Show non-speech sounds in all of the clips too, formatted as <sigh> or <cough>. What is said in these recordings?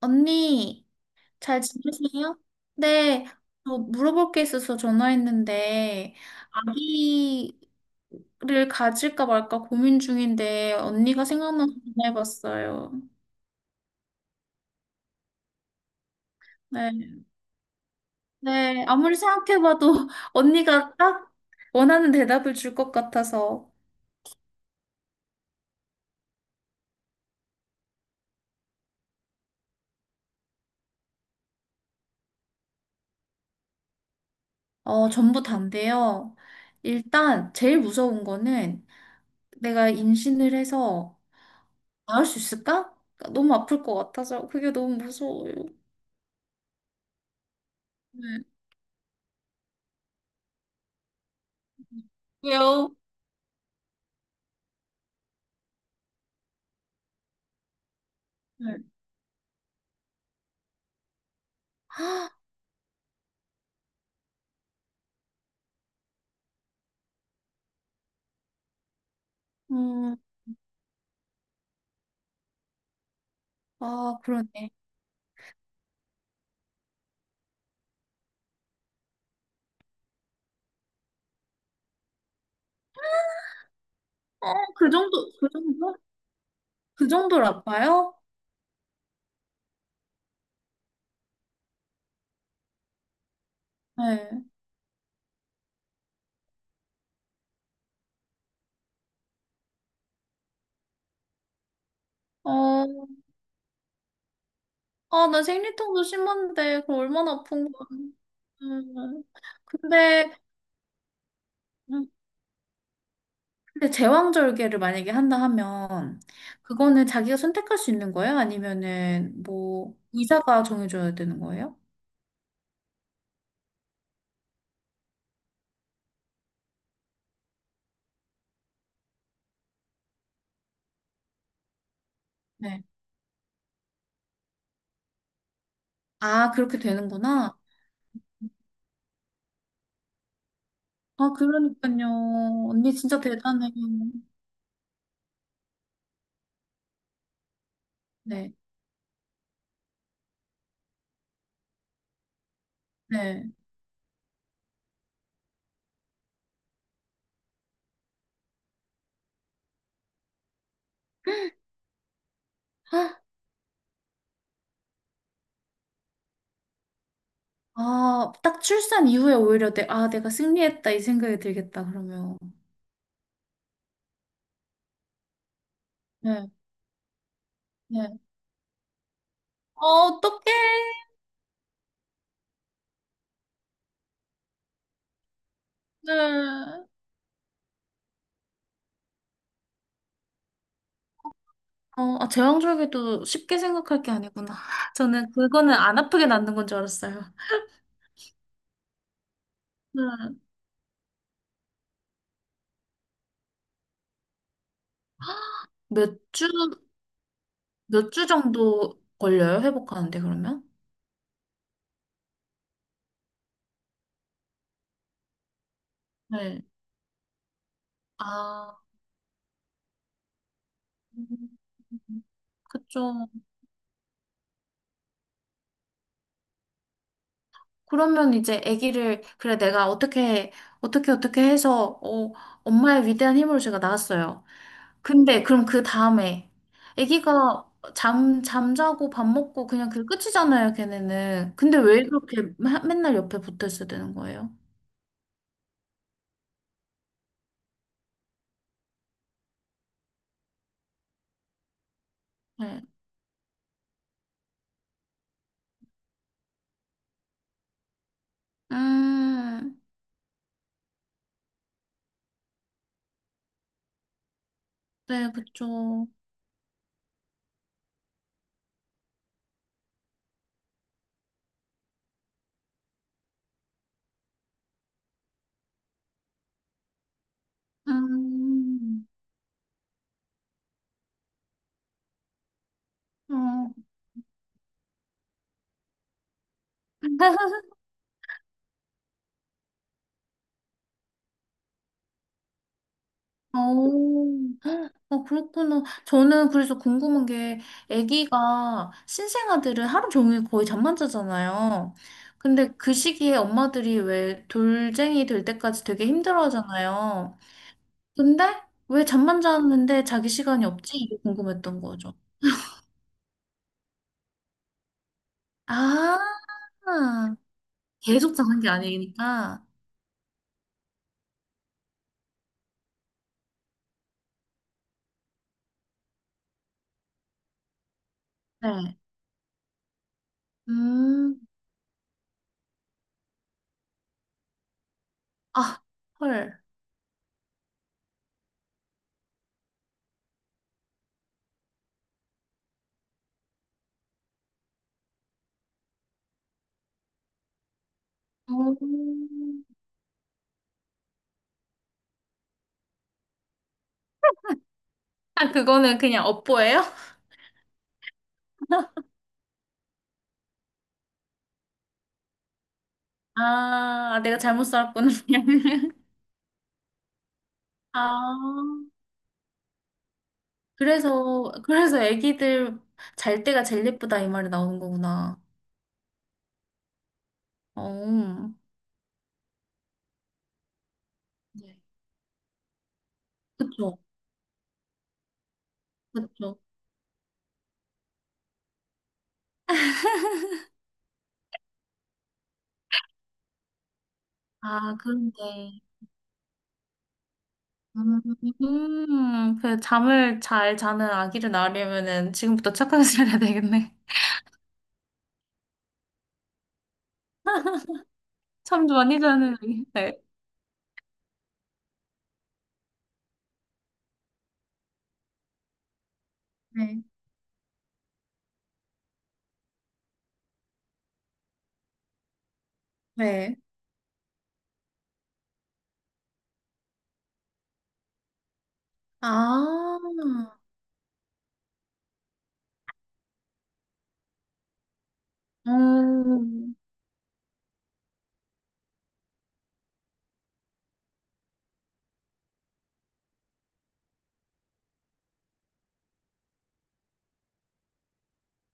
언니, 잘 지내세요? 네, 저 물어볼 게 있어서 전화했는데, 아기를 가질까 말까 고민 중인데, 언니가 생각나서 전화해봤어요. 네, 네, 아무리 생각해봐도 <laughs> 언니가 딱 원하는 대답을 줄 것 같아서. 어, 전부 다인데요. 일단, 제일 무서운 거는 내가 임신을 해서 낳을 수 있을까? 너무 아플 것 같아서, 그게 너무 무서워요. 네. 왜요? 네. 아, 음, 아, 그러네. 어, 그 정도, 그 정도? 그 정도로 아파요? 네. 어, 아, 나 생리통도 심한데, 그 얼마나 아픈 거야. 음, 근데, 음, 근데 제왕절개를 만약에 한다 하면, 그거는 자기가 선택할 수 있는 거예요? 아니면은, 뭐, 의사가 정해줘야 되는 거예요? 네. 아, 그렇게 되는구나. 아, 그러니까요. 언니 진짜 대단해. 네. 네. 아, 딱 출산 이후에 오히려 내가 승리했다 이 생각이 들겠다, 그러면. 네, 네. 어, 어떡해. 네. 어, 아, 제왕절개도 쉽게 생각할 게 아니구나. <laughs> 저는 그거는 안 아프게 낫는 건 줄 알았어요. 네. 몇 주, 몇 주 정도 걸려요, 회복하는데, 그러면? 네. 아, <laughs> 음, 그쵸. 그러면 이제 아기를, 그래, 내가 어떻게 해서, 엄마의 위대한 힘으로 제가 낳았어요. 근데 그럼 그 다음에 아기가 잠 잠자고 밥 먹고 그냥 그 끝이잖아요, 걔네는. 근데 왜 그렇게 맨날 옆에 붙어 있어야 되는 거예요? 네. 음, 네, 그쵸. 음, 어. <laughs> 어, 어, 그렇구나. 저는 그래서 궁금한 게, 아기가 신생아들은 하루 종일 거의 잠만 자잖아요. 근데 그 시기에 엄마들이 왜 돌쟁이 될 때까지 되게 힘들어 하잖아요. 근데 왜 잠만 잤는데 자기 시간이 없지? 이게 궁금했던 거죠. 아, 계속 자는 게 아니니까. 네. 음, 아, 헐. 음. 아, 그거는 그냥 업보예요? 아, 내가 잘못 살았구나. <laughs> 아, 그래서 애기들 잘 때가 제일 예쁘다 이 말이 나오는 거구나. 어, 네. 그쵸, 그쵸. 아, 그런데. 그 잠을 잘 자는 아기를 낳으려면은 지금부터 착하게 살아야 되겠네. <laughs> 잠도 많이 자는 아기. 네. 네. 네. 아, 음,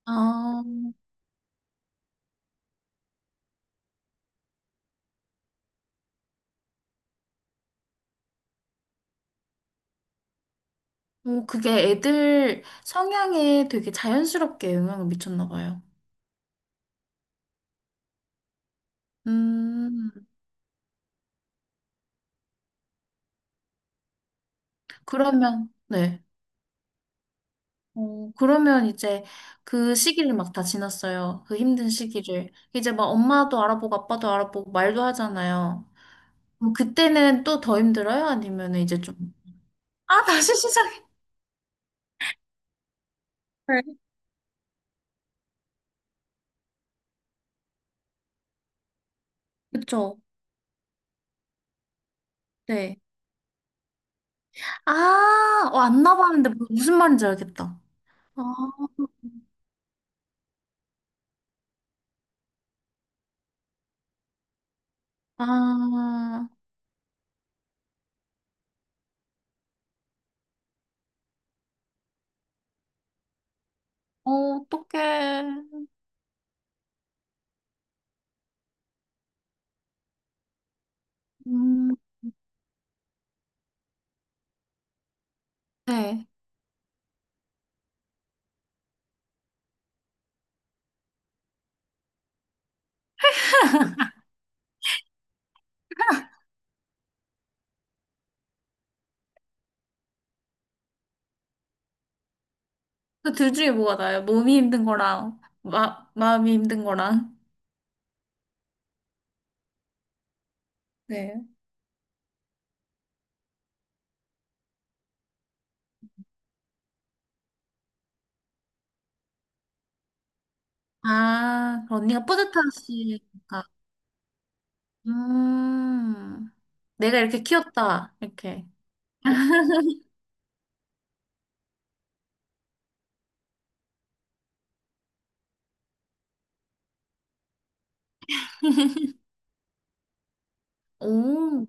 아, 오, 그게 애들 성향에 되게 자연스럽게 영향을 미쳤나 봐요. 음, 그러면, 네. 어, 그러면 이제 그 시기를 막 다 지났어요. 그 힘든 시기를. 이제 막 엄마도 알아보고 아빠도 알아보고 말도 하잖아요. 그때는 또 더 힘들어요? 아니면 이제 좀. 아, 다시 시작해. 네. 그쵸? 네. 아, 안 나봤는데 무슨 말인지 알겠다. 아, 아, 어, 어떡해. 음, 네. 그 둘 중에 뭐가 나아요? 몸이 힘든 거랑, 마음이 힘든 거랑. 네. 아, 그 언니가 뿌듯하시니까. 음, 내가 이렇게 키웠다. 이렇게. 오,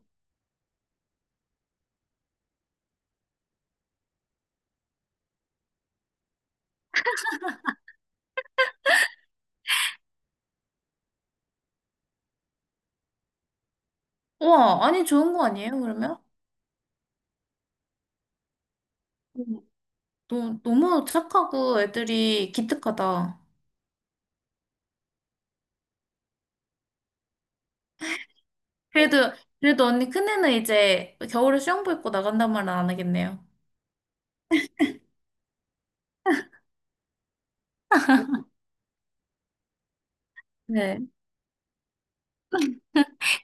우와, 아니, 좋은 거 아니에요, 그러면? 너무 착하고 애들이 기특하다. 그래도, 그래도 언니 큰애는 이제 겨울에 수영복 입고 나간단 말은 안 하겠네요. 네.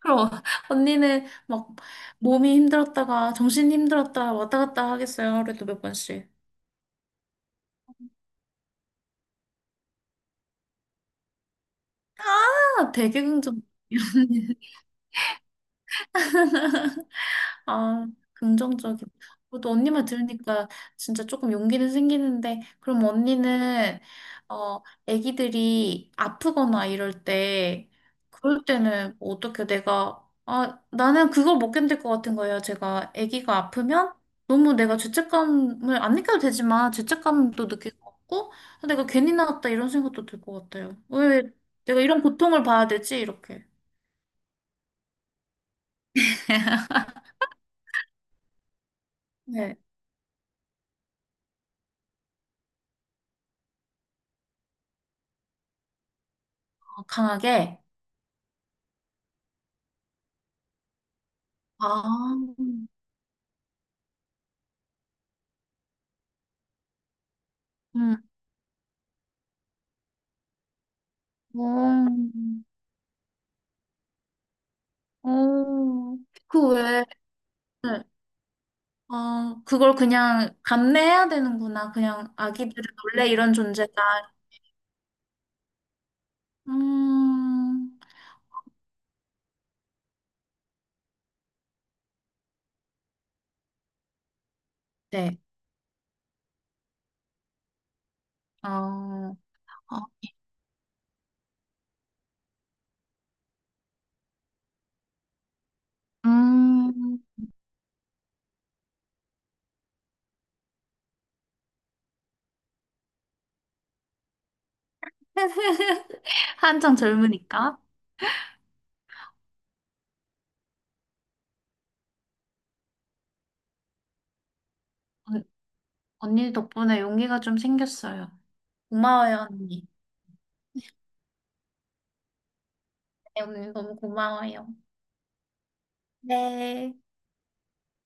그럼 <laughs> 언니는 막 몸이 힘들었다가 정신이 힘들었다 왔다 갔다 하겠어요. 그래도 몇 번씩. 아, 되게 긍정. <laughs> 아, 긍정적이다. 또 언니 말 들으니까 진짜 조금 용기는 생기는데, 그럼 언니는, 어, 애기들이 아프거나 이럴 때, 그럴 때는 뭐 어떻게 나는 그걸 못 견딜 것 같은 거예요. 제가 애기가 아프면 너무 내가 죄책감을 안 느껴도 되지만, 죄책감도 느낄 것 같고, 아, 내가 괜히 나왔다 이런 생각도 들 것 같아요. 왜 내가 이런 고통을 봐야 되지? 이렇게. 네, 강하게. 아, 음. 어, 어. 그 왜, 그걸 그냥 감내해야 되는구나. 그냥 아기들은 원래 이런 존재다. 음, 네. 어, 어, 음. <laughs> 한창 젊으니까. 언- 언니 덕분에 용기가 좀 생겼어요. 고마워요, 언니. 네, 언니 너무 고마워요. 네.